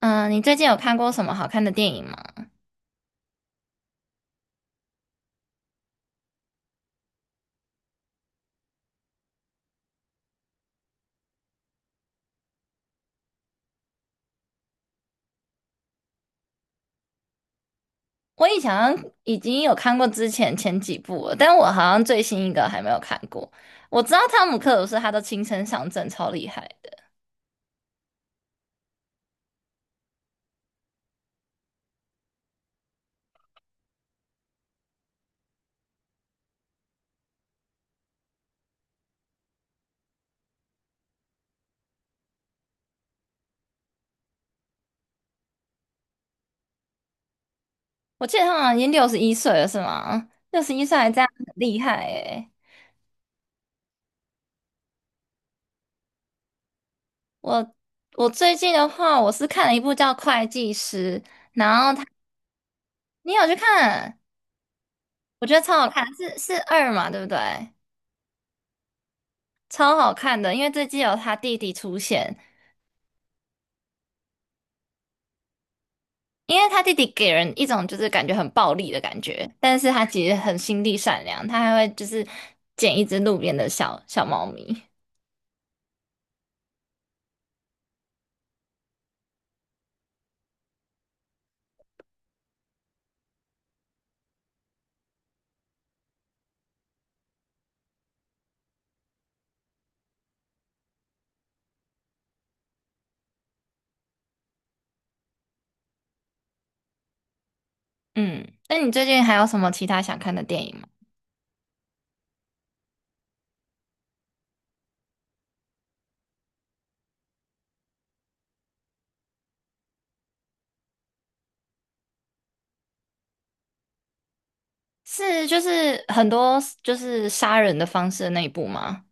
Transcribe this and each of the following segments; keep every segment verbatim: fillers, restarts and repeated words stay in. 嗯，你最近有看过什么好看的电影吗？我以前好像已经有看过之前前几部了，但我好像最新一个还没有看过。我知道汤姆克鲁斯他都青生上阵，超厉害的。我记得他好像已经六十一岁了，是吗？六十一岁还这样，很厉害诶。我我最近的话，我是看了一部叫《会计师》，你有去看？我觉得超好看，是是二嘛，对不对？超好看的，因为这季有他弟弟出现。因为他弟弟给人一种就是感觉很暴力的感觉，但是他其实很心地善良，他还会就是捡一只路边的小小猫咪。嗯，那你最近还有什么其他想看的电影吗？是就是很多就是杀人的方式的那一部吗？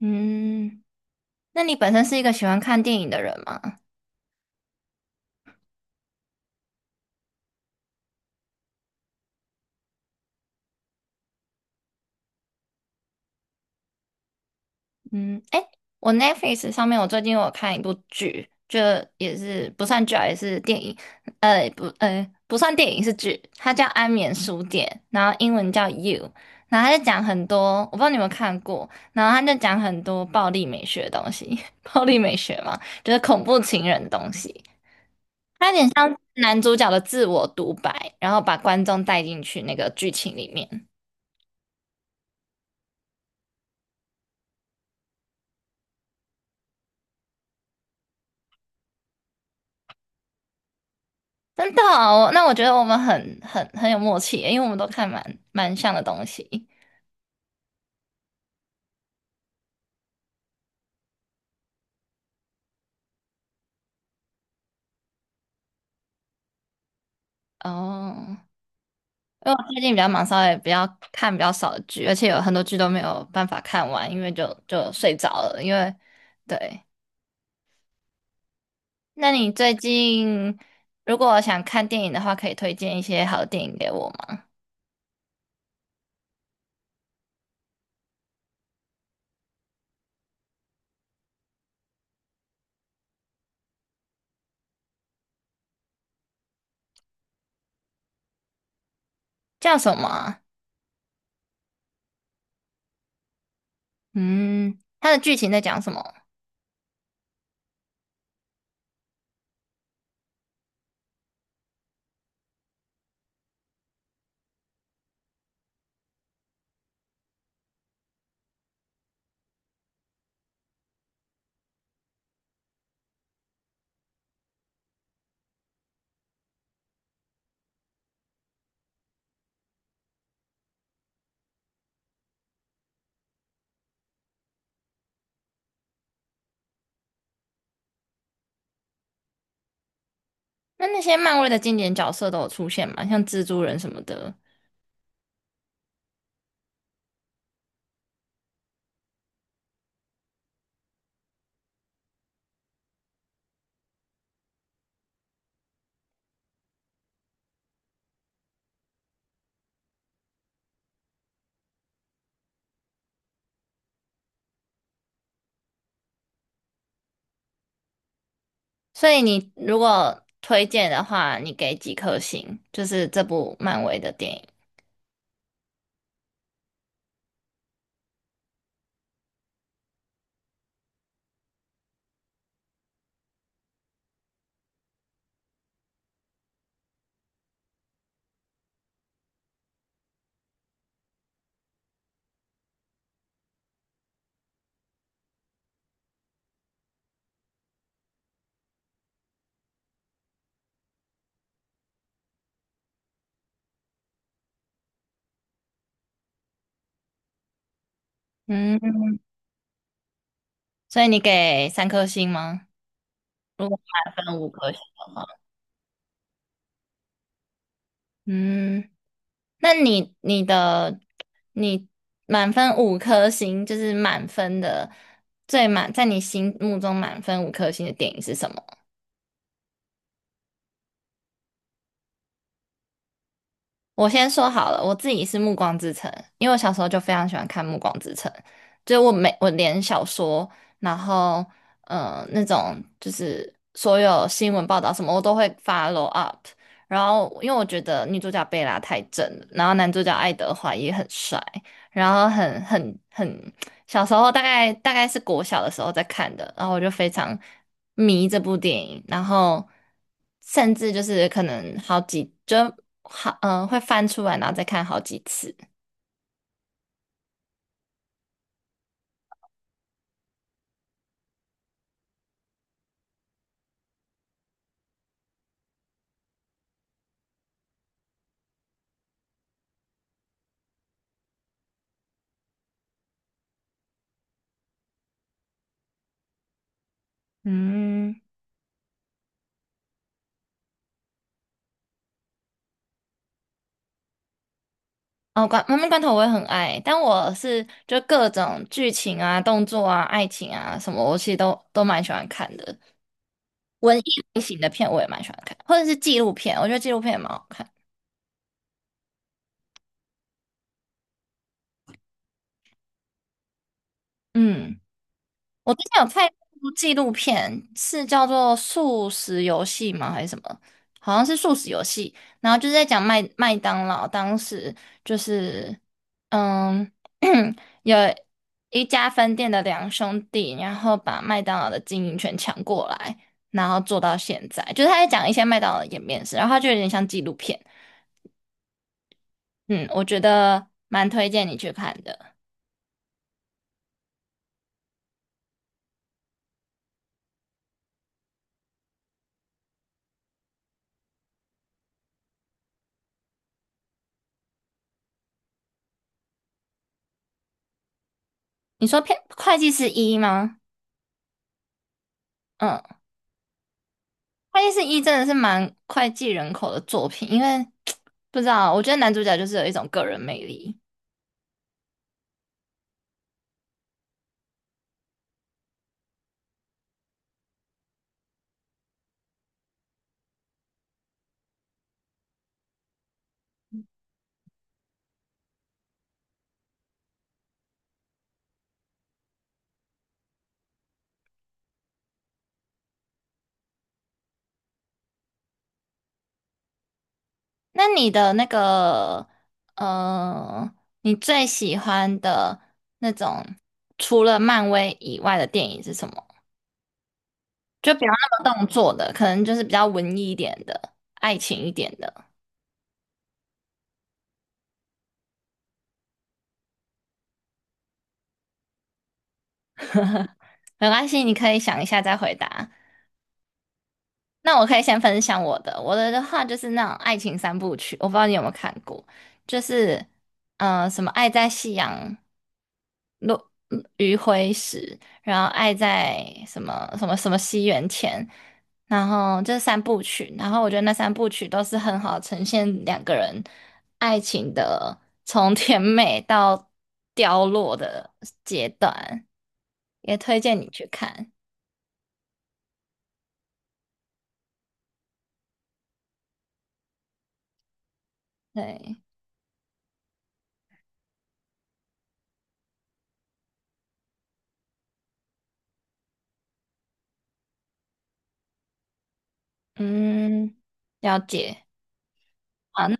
嗯，那你本身是一个喜欢看电影的人吗？嗯，哎，我 Netflix 上面我最近有看一部剧，就也是不算剧啊，也是电影，呃，不，呃，不算电影是剧，它叫《安眠书店》，然后英文叫《You》，然后它就讲很多，我不知道你有没有看过，然后它就讲很多暴力美学的东西，暴力美学嘛，就是恐怖情人的东西，男主角的自我独白，然后把观众带进去那个剧情里面。真的哦，那我觉得我们很很很有默契耶，因为我们都看蛮蛮像的东西。哦，因为我最近比较忙，稍微比较看比较少的剧，而且有很多剧都没有办法看完，因为就就睡着了。因为对，那你最近如果想看电影的话，可以推荐一些好的电影给我吗？叫什么啊？嗯，它的剧情在讲什么？那那些漫威的经典角色都有出现吗？像蜘蛛人什么的。所以你如果推荐的话，你给几颗星？就是这部漫威的电影。嗯，所以你给三颗星吗？如果满分五颗星的话，嗯，那你你的你满分五颗星，就是满分的最满，在你心目中满分五颗星的电影是什么？我先说好了，我自己是《暮光之城》，因为我小时候就非常喜欢看《暮光之城》，就我每我连小说，然后嗯，那种就是所有新闻报道什么，我都会 follow up。然后因为我觉得女主角贝拉太正了，然后男主角爱德华也很帅，然后很很很小时候大概大概是国小的时候在看的，然后我就非常迷这部电影，然后甚至就是可能好几就好嗯、呃会翻出来，然后再看好几次。嗯，哦，关《妈妈关头》我也很爱，但我是就各种剧情啊、动作啊、爱情啊什么，我其实都都蛮喜欢看的。文艺类型的片我也蛮喜欢看，或者是纪录片，我觉得纪录片也蛮好看。嗯。我之前有看一部纪录片，是叫做《素食游戏》吗？还是什么？好像是素食游戏，然后就是在讲麦麦当劳当时就是，嗯，有一家分店的两兄弟，然后把麦当劳的经营权抢过来，然后做到现在，就是他在讲一些麦当劳的演变史，然后他就有点像纪录片，嗯，我觉得蛮推荐你去看的。你说片会计是一吗？嗯。《爱丽丝一》真的是蛮脍炙人口的作品，因为 不知道，我觉得男主角就是有一种个人魅力。那你的那个，呃，你最喜欢的那种除了漫威以外的电影是什么？就不要那么动作的，可能就是比较文艺一点的、爱情一点的，没关系，你可以想一下再回答。那我可以先分享我的，我的的话就是那种爱情三部曲，我不知道你有没有看过，就是嗯。呃，什么《爱在夕阳》落嗯余晖时，然后爱在什么什么什么西元前，然后这三部曲，然后我觉得那三部曲都是很好呈现两个人爱情的从甜美到凋落的阶段，也推荐你去看。对，嗯，了解。好那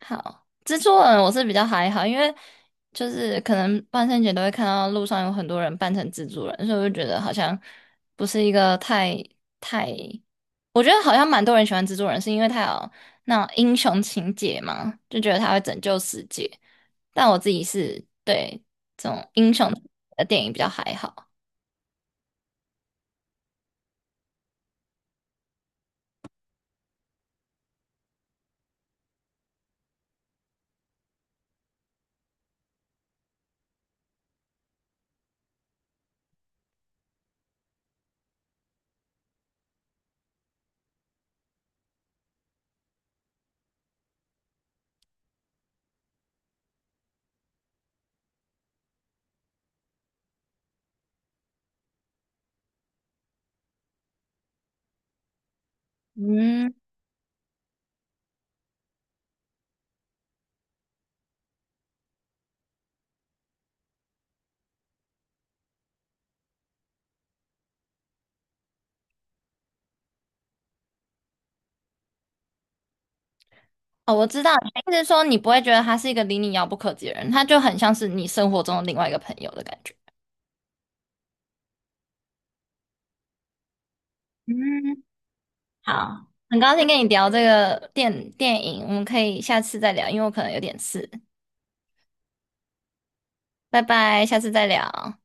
好，蜘蛛人我是比较还好，因为就是可能万圣节都会看到路上有很多人扮成蜘蛛人，所以我就觉得好像不是一个太太，我觉得好像蛮多人喜欢蜘蛛人，是因为他有那种英雄情节嘛，就觉得他会拯救世界。但我自己是对这种英雄的电影比较还好。嗯，哦，我知道，意思是说你不会觉得他是一个离你遥不可及的人，他就很像是你生活中的另外一个朋友的感觉。嗯好，很高兴跟你聊这个电电影，我们可以下次再聊，因为我可能有点事。拜拜，下次再聊。